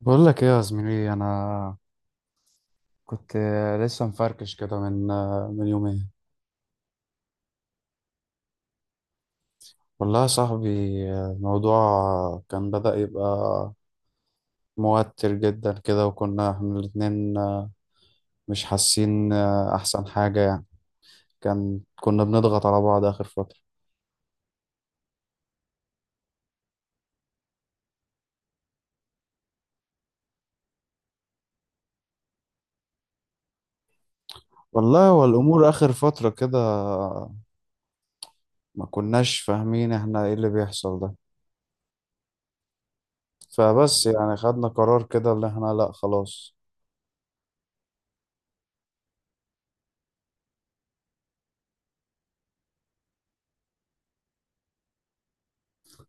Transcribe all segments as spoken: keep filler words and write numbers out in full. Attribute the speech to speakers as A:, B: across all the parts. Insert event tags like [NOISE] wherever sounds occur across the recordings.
A: بقول لك ايه يا زميلي، انا كنت لسه مفركش كده من من يومين. والله يا صاحبي، الموضوع كان بدأ يبقى موتر جدا كده، وكنا احنا الاتنين مش حاسين احسن حاجة، يعني كان كنا بنضغط على بعض اخر فترة. والله، والامور اخر فترة كده ما كناش فاهمين احنا ايه اللي بيحصل ده، فبس يعني خدنا قرار كده اللي احنا لا خلاص.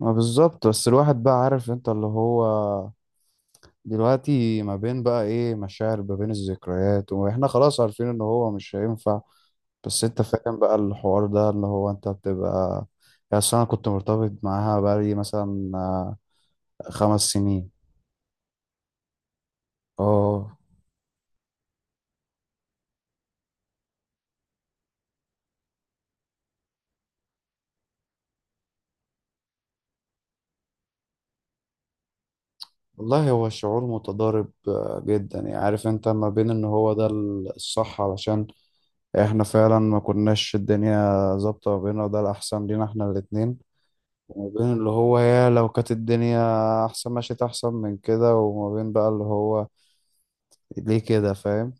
A: ما بالظبط، بس الواحد بقى عارف انت اللي هو دلوقتي ما بين بقى ايه مشاعر، ما بين الذكريات، واحنا خلاص عارفين ان هو مش هينفع. بس انت فاهم بقى الحوار ده اللي هو انت بتبقى. يعني أصل انا كنت مرتبط معاها بقالي مثلا آه، خمس سنين. اه. والله هو شعور متضارب آه، جدا، يعني عارف انت، ما بين ان هو ده الصح علشان احنا فعلا ما كناش الدنيا ظابطة ما بيننا، وده الأحسن لينا احنا الاتنين. وما بين اللي هو يا لو كانت الدنيا أحسن مشيت أحسن من كده، وما بين بقى اللي هو ليه كده فاهم.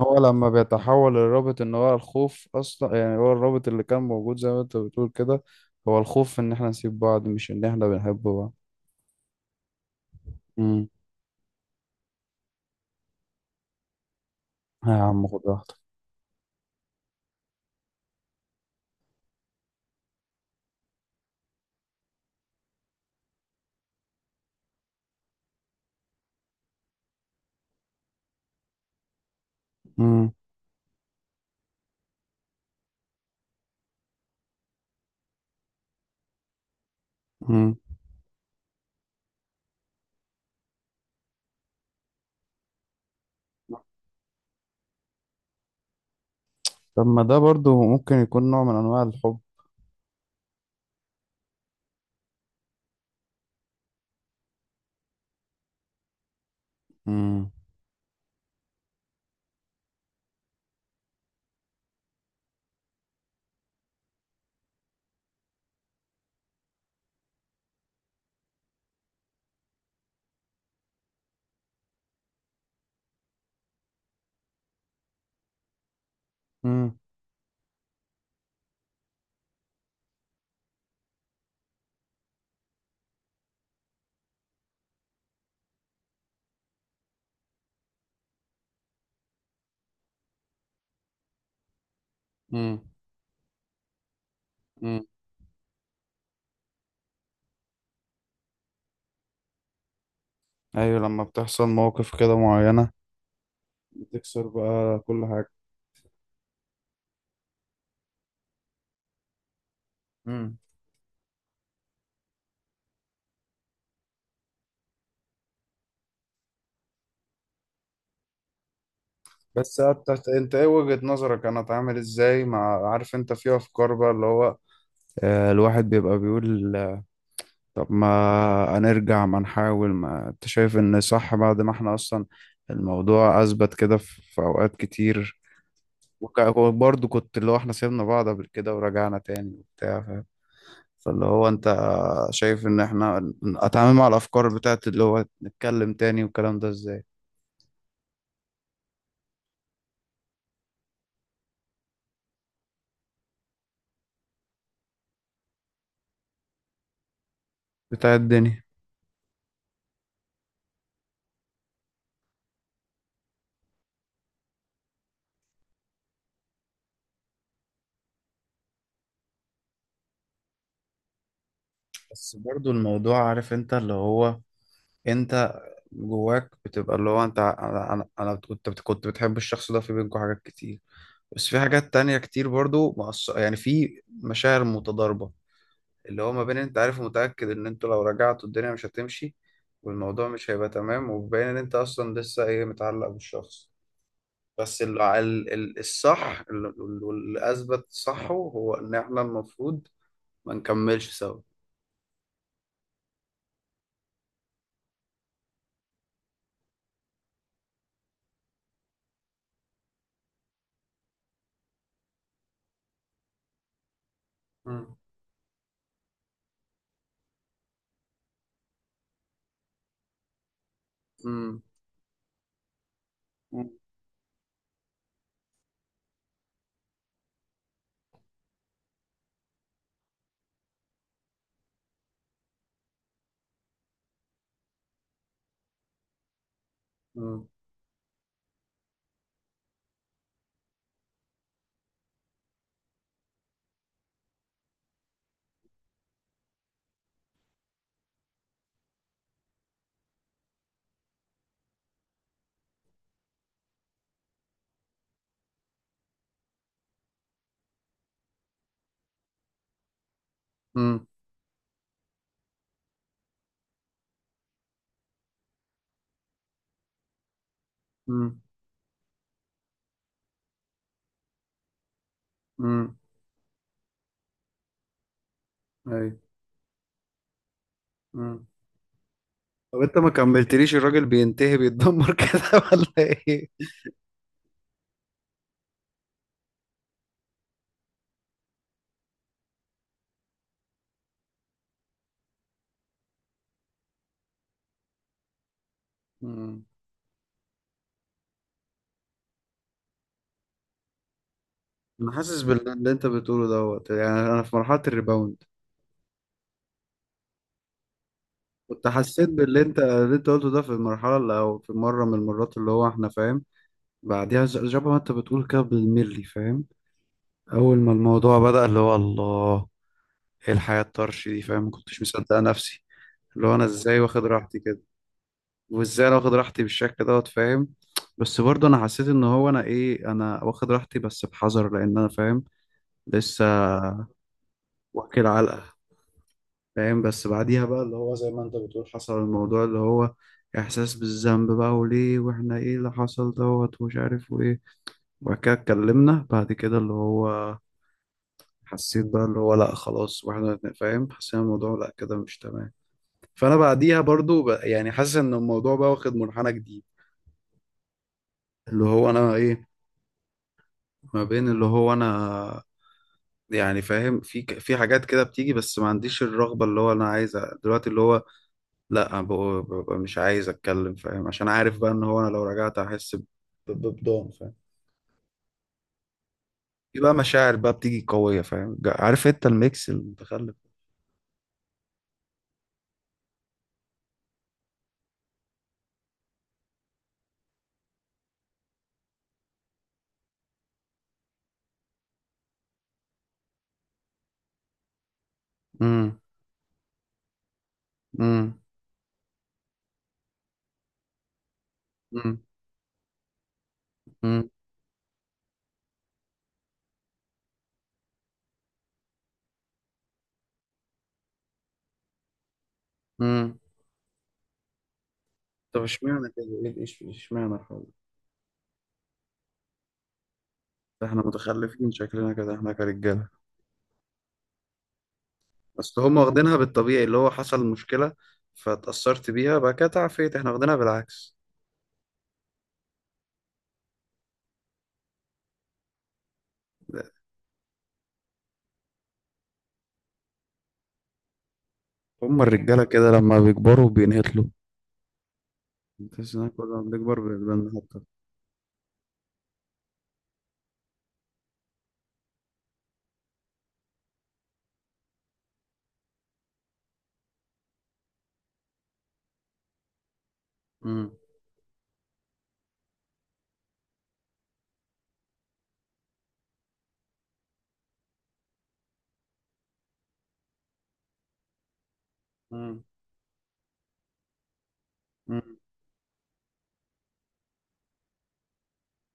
A: هو لما بيتحول الرابط ان هو الخوف اصلا، يعني هو الرابط اللي كان موجود زي ما انت بتقول كده هو الخوف ان احنا نسيب بعض، مش ان احنا بنحب بعض. امم. يا عم خد راحتك. امم. امم. طب ما ده برضو ممكن يكون نوع من انواع الحب. امم. امم. امم. امم. ايوه، لما بتحصل مواقف كده معينة بتكسر بقى كل حاجة. امم. بس انت انت ايه وجهة نظرك؟ انا اتعامل ازاي مع عارف انت، في افكار بقى اللي هو آه، الواحد بيبقى بيقول، طب ما هنرجع ما نحاول، ما انت شايف ان صح بعد ما احنا اصلا الموضوع اثبت كده في في اوقات كتير. وك- وبرضه كنت اللي هو احنا سيبنا بعض قبل كده ورجعنا تاني وبتاع فاهم. فاللي هو انت شايف ان احنا اتعامل مع الافكار بتاعت اللي هو نتكلم تاني والكلام ده ازاي. بتاع الدنيا. بس برضه الموضوع عارف انت اللي هو انت جواك بتبقى اللي هو انت، انا انا أنا كنت كنت بتحب الشخص ده، في بينكم حاجات كتير، بس في حاجات تانية كتير برضو معص... يعني في مشاعر متضاربة. اللي هو ما بين انت عارف ومتأكد ان انتوا لو رجعتوا الدنيا مش هتمشي والموضوع مش هيبقى تمام، وبين ان انت اصلا لسه ايه متعلق بالشخص. بس ال... ال... ال- الصح، ال- ال- واللي اثبت صحه هو ان احنا المفروض ما نكملش سوا. مم. مم. مم. مم. مم. مم. أيوة. مم. طب انت ما كملتليش، الراجل بينتهي بيتدمر كده [LAUGHS] ولا ايه؟ مم. انا حاسس باللي انت بتقوله دوت، يعني انا في مرحله الريباوند. كنت حسيت باللي انت اللي انت قلته ده في المرحله اللي او في مره من المرات اللي هو احنا فاهم بعديها، ز- شبه ما انت بتقول كده بالملي فاهم. اول ما الموضوع بدأ اللي هو الله، ايه الحياه الطرش دي فاهم، ما كنتش مصدق نفسي. اللي هو انا ازاي واخد راحتي كده، وازاي انا واخد راحتي بالشكل دوت فاهم. بس برضه انا حسيت ان هو انا ايه، انا واخد راحتي بس بحذر، لان انا فاهم لسه واكل علقه فاهم. بس بعديها بقى اللي هو زي ما انت بتقول حصل الموضوع اللي هو احساس بالذنب بقى، وليه، واحنا ايه اللي حصل دوت، ومش عارف، وايه. وبعد كده اتكلمنا بعد كده اللي هو حسيت بقى اللي هو لا خلاص، واحنا فاهم حسينا الموضوع لا كده مش تمام. فانا بعديها برضو ب- يعني حاسس ان الموضوع بقى واخد منحنى جديد. اللي هو انا ايه، ما بين اللي هو انا، يعني فاهم في ك- في حاجات كده بتيجي، بس ما عنديش الرغبة اللي هو انا عايزها دلوقتي، اللي هو لا، أنا ببقى ببقى مش عايز اتكلم فاهم، عشان عارف بقى ان هو انا لو رجعت هحس ب- ب- بضم فاهم. في بقى مشاعر بقى بتيجي قوية فاهم، جا- عارف انت الميكس المتخلف. امم. امم. امم. امم. امم. طب اشمعنى كده، ايه ايش اشمعنى الحوار ده؟ ده احنا متخلفين شكلنا كده احنا كرجالة. بس هم واخدينها بالطبيعي، اللي هو حصل مشكلة فاتأثرت بيها بقى كده تعافيت، احنا واخدينها بالعكس. لا، هم الرجالة كده لما بيكبروا بينهتلوا. تحس انك كل ما بنكبر بنبقى نهتل. مم.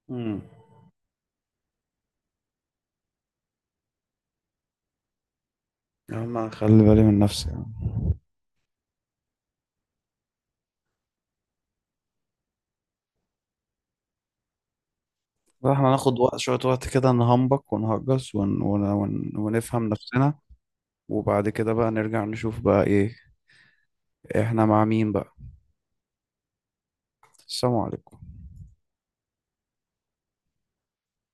A: مم. يا عم أنا خلي بالي من نفسي يعني. لا، احنا هناخد وقت، شوية وقت كده نهمبك ونهجس ون... ون... ون... ونفهم نفسنا. وبعد كده بقى نرجع نشوف بقى ايه، احنا مع مين بقى. السلام عليكم.